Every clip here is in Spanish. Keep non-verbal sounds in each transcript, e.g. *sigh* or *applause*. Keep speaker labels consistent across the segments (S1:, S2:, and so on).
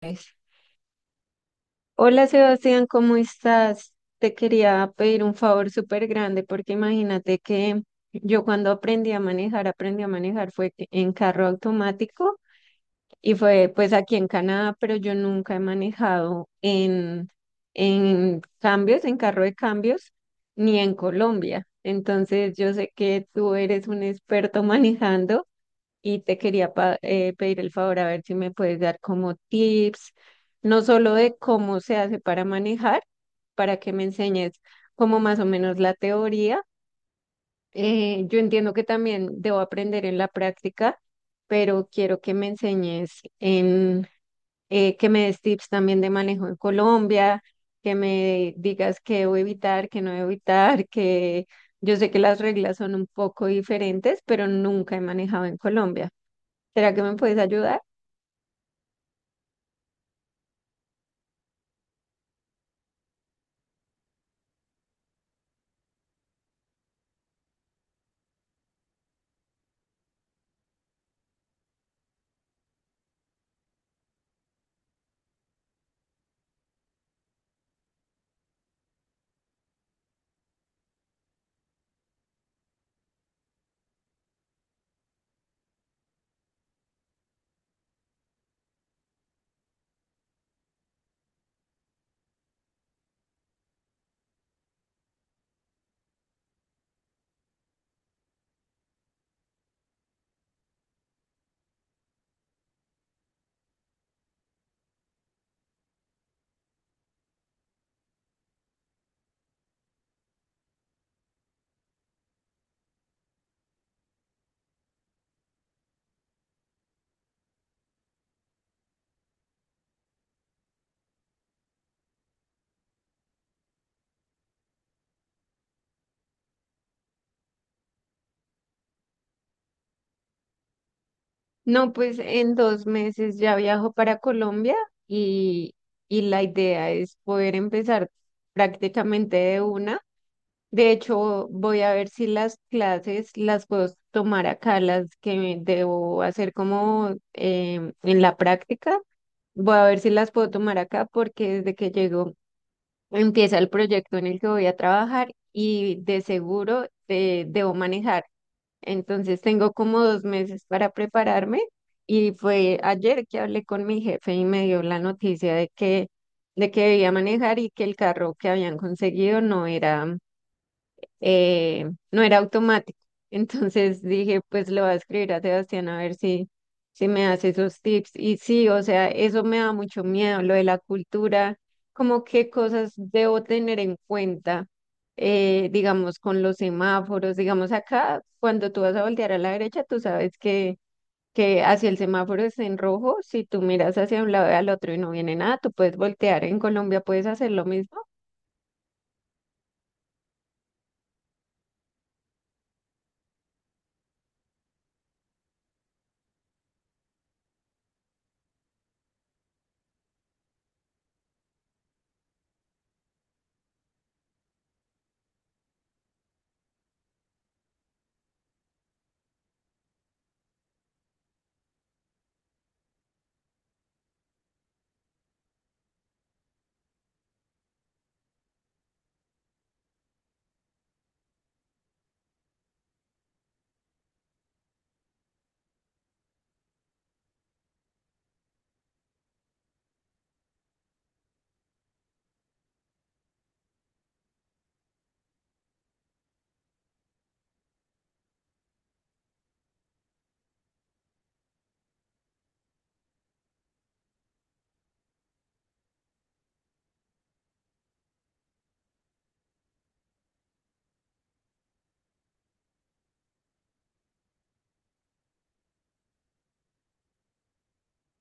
S1: Pues. Hola, Sebastián, ¿cómo estás? Te quería pedir un favor súper grande porque imagínate que yo cuando aprendí a manejar, en carro automático y fue, pues, aquí en Canadá, pero yo nunca he manejado en cambios, en carro de cambios, ni en Colombia. Entonces yo sé que tú eres un experto *laughs* manejando y te quería pedir el favor a ver si me puedes dar como tips, no solo de cómo se hace para manejar, para que me enseñes como más o menos la teoría. Yo entiendo que también debo aprender en la práctica, pero quiero que me enseñes en que me des tips también de manejo en Colombia, que me digas qué debo evitar, qué no debo evitar, que yo sé que las reglas son un poco diferentes, pero nunca he manejado en Colombia. ¿Será que me puedes ayudar? No, pues en 2 meses ya viajo para Colombia y, y la idea es poder empezar prácticamente de una. De hecho, voy a ver si las clases las puedo tomar acá, las que debo hacer como en la práctica. Voy a ver si las puedo tomar acá porque desde que llego empieza el proyecto en el que voy a trabajar y de seguro debo manejar. Entonces tengo como 2 meses para prepararme y fue ayer que hablé con mi jefe y me dio la noticia de de que debía manejar y que el carro que habían conseguido no era no era automático. *laughs* Entonces dije, pues le voy a escribir a Sebastián a ver si me hace esos tips. Y sí, o sea, eso me da mucho miedo, lo de la cultura, como qué cosas debo tener en cuenta, digamos, con los semáforos. Digamos, acá, cuando tú vas a voltear a la derecha, tú sabes que hacia el semáforo está en rojo. Si tú miras hacia un lado y al otro y no viene nada, tú puedes voltear. En Colombia puedes hacer lo mismo.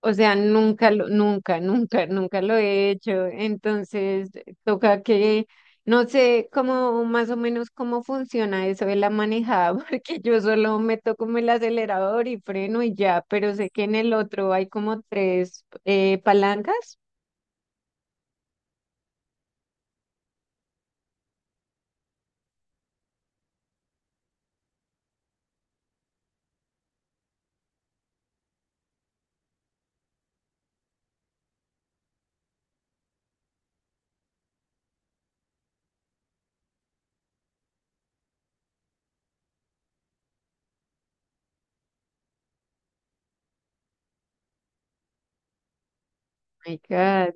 S1: O sea, nunca lo he hecho. Entonces, toca que, no sé cómo, más o menos cómo funciona eso de la manejada, *laughs* porque yo solo meto como el acelerador y freno y ya, pero sé que en el otro hay como tres palancas. My God.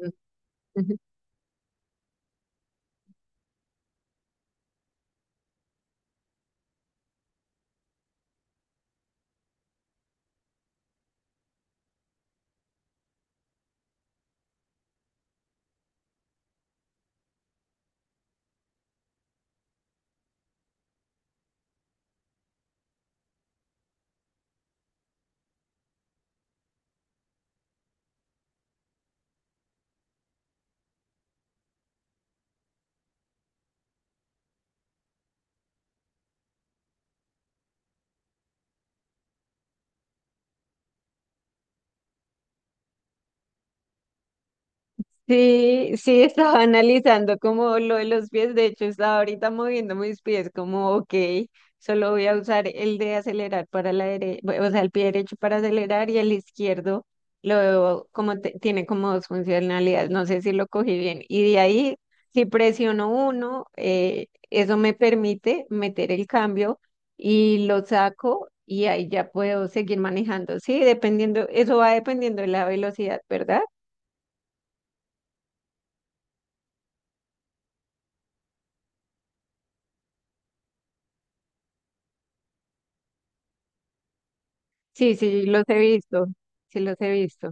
S1: Sí, sí, estaba *laughs* analizando como lo de los pies. De hecho, estaba ahorita moviendo mis pies como, ok, solo voy a usar el de acelerar para la derecha, o sea, el pie derecho para acelerar y el izquierdo lo veo como tiene como dos funcionalidades. No sé si lo cogí bien. Y de ahí, si presiono uno, eso me permite meter el cambio y lo saco y ahí ya puedo seguir manejando. Sí, dependiendo, eso va dependiendo de la velocidad, ¿verdad? Sí, sí, los he visto, sí los he visto.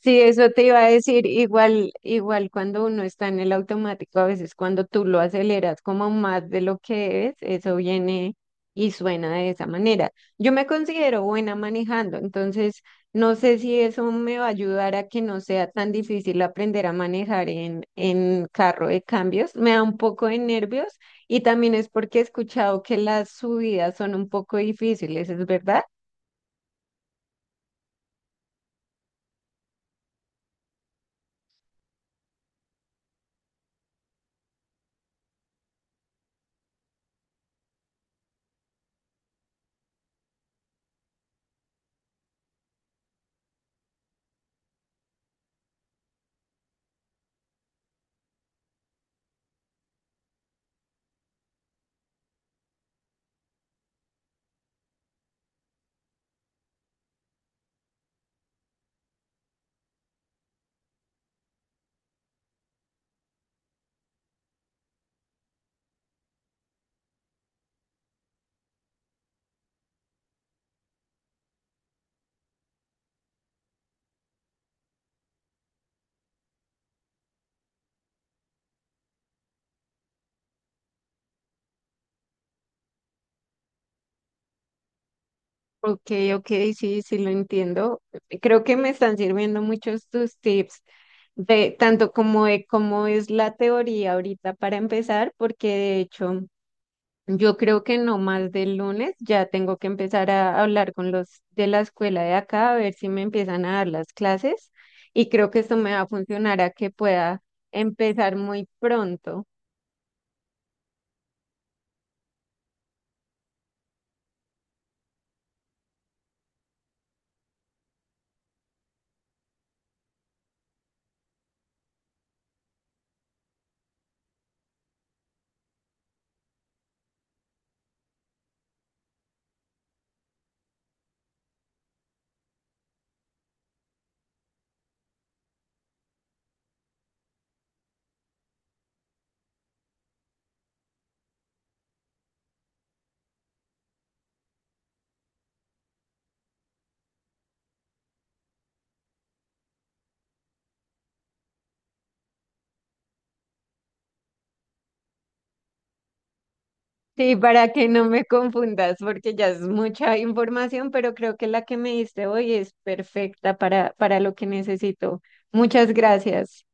S1: Sí, eso te iba a decir, igual, igual cuando uno está en el automático, a veces cuando tú lo aceleras como más de lo que es, eso viene y suena de esa manera. Yo me considero buena manejando, entonces no sé si eso me va a ayudar a que no sea tan difícil aprender a manejar en carro de cambios. Me da un poco de nervios y también es porque he escuchado que las subidas son un poco difíciles, ¿es verdad? Ok, ok, sí, sí lo entiendo. Creo que me están sirviendo muchos tus tips de tanto como de cómo es la teoría ahorita para empezar, porque de hecho yo creo que no más del lunes ya tengo que empezar a hablar con los de la escuela de acá a ver si me empiezan a dar las clases y creo que esto me va a funcionar a que pueda empezar muy pronto. Sí, para que no me confundas, porque ya es mucha información, pero creo que la que me diste hoy es perfecta para lo que necesito. Muchas gracias.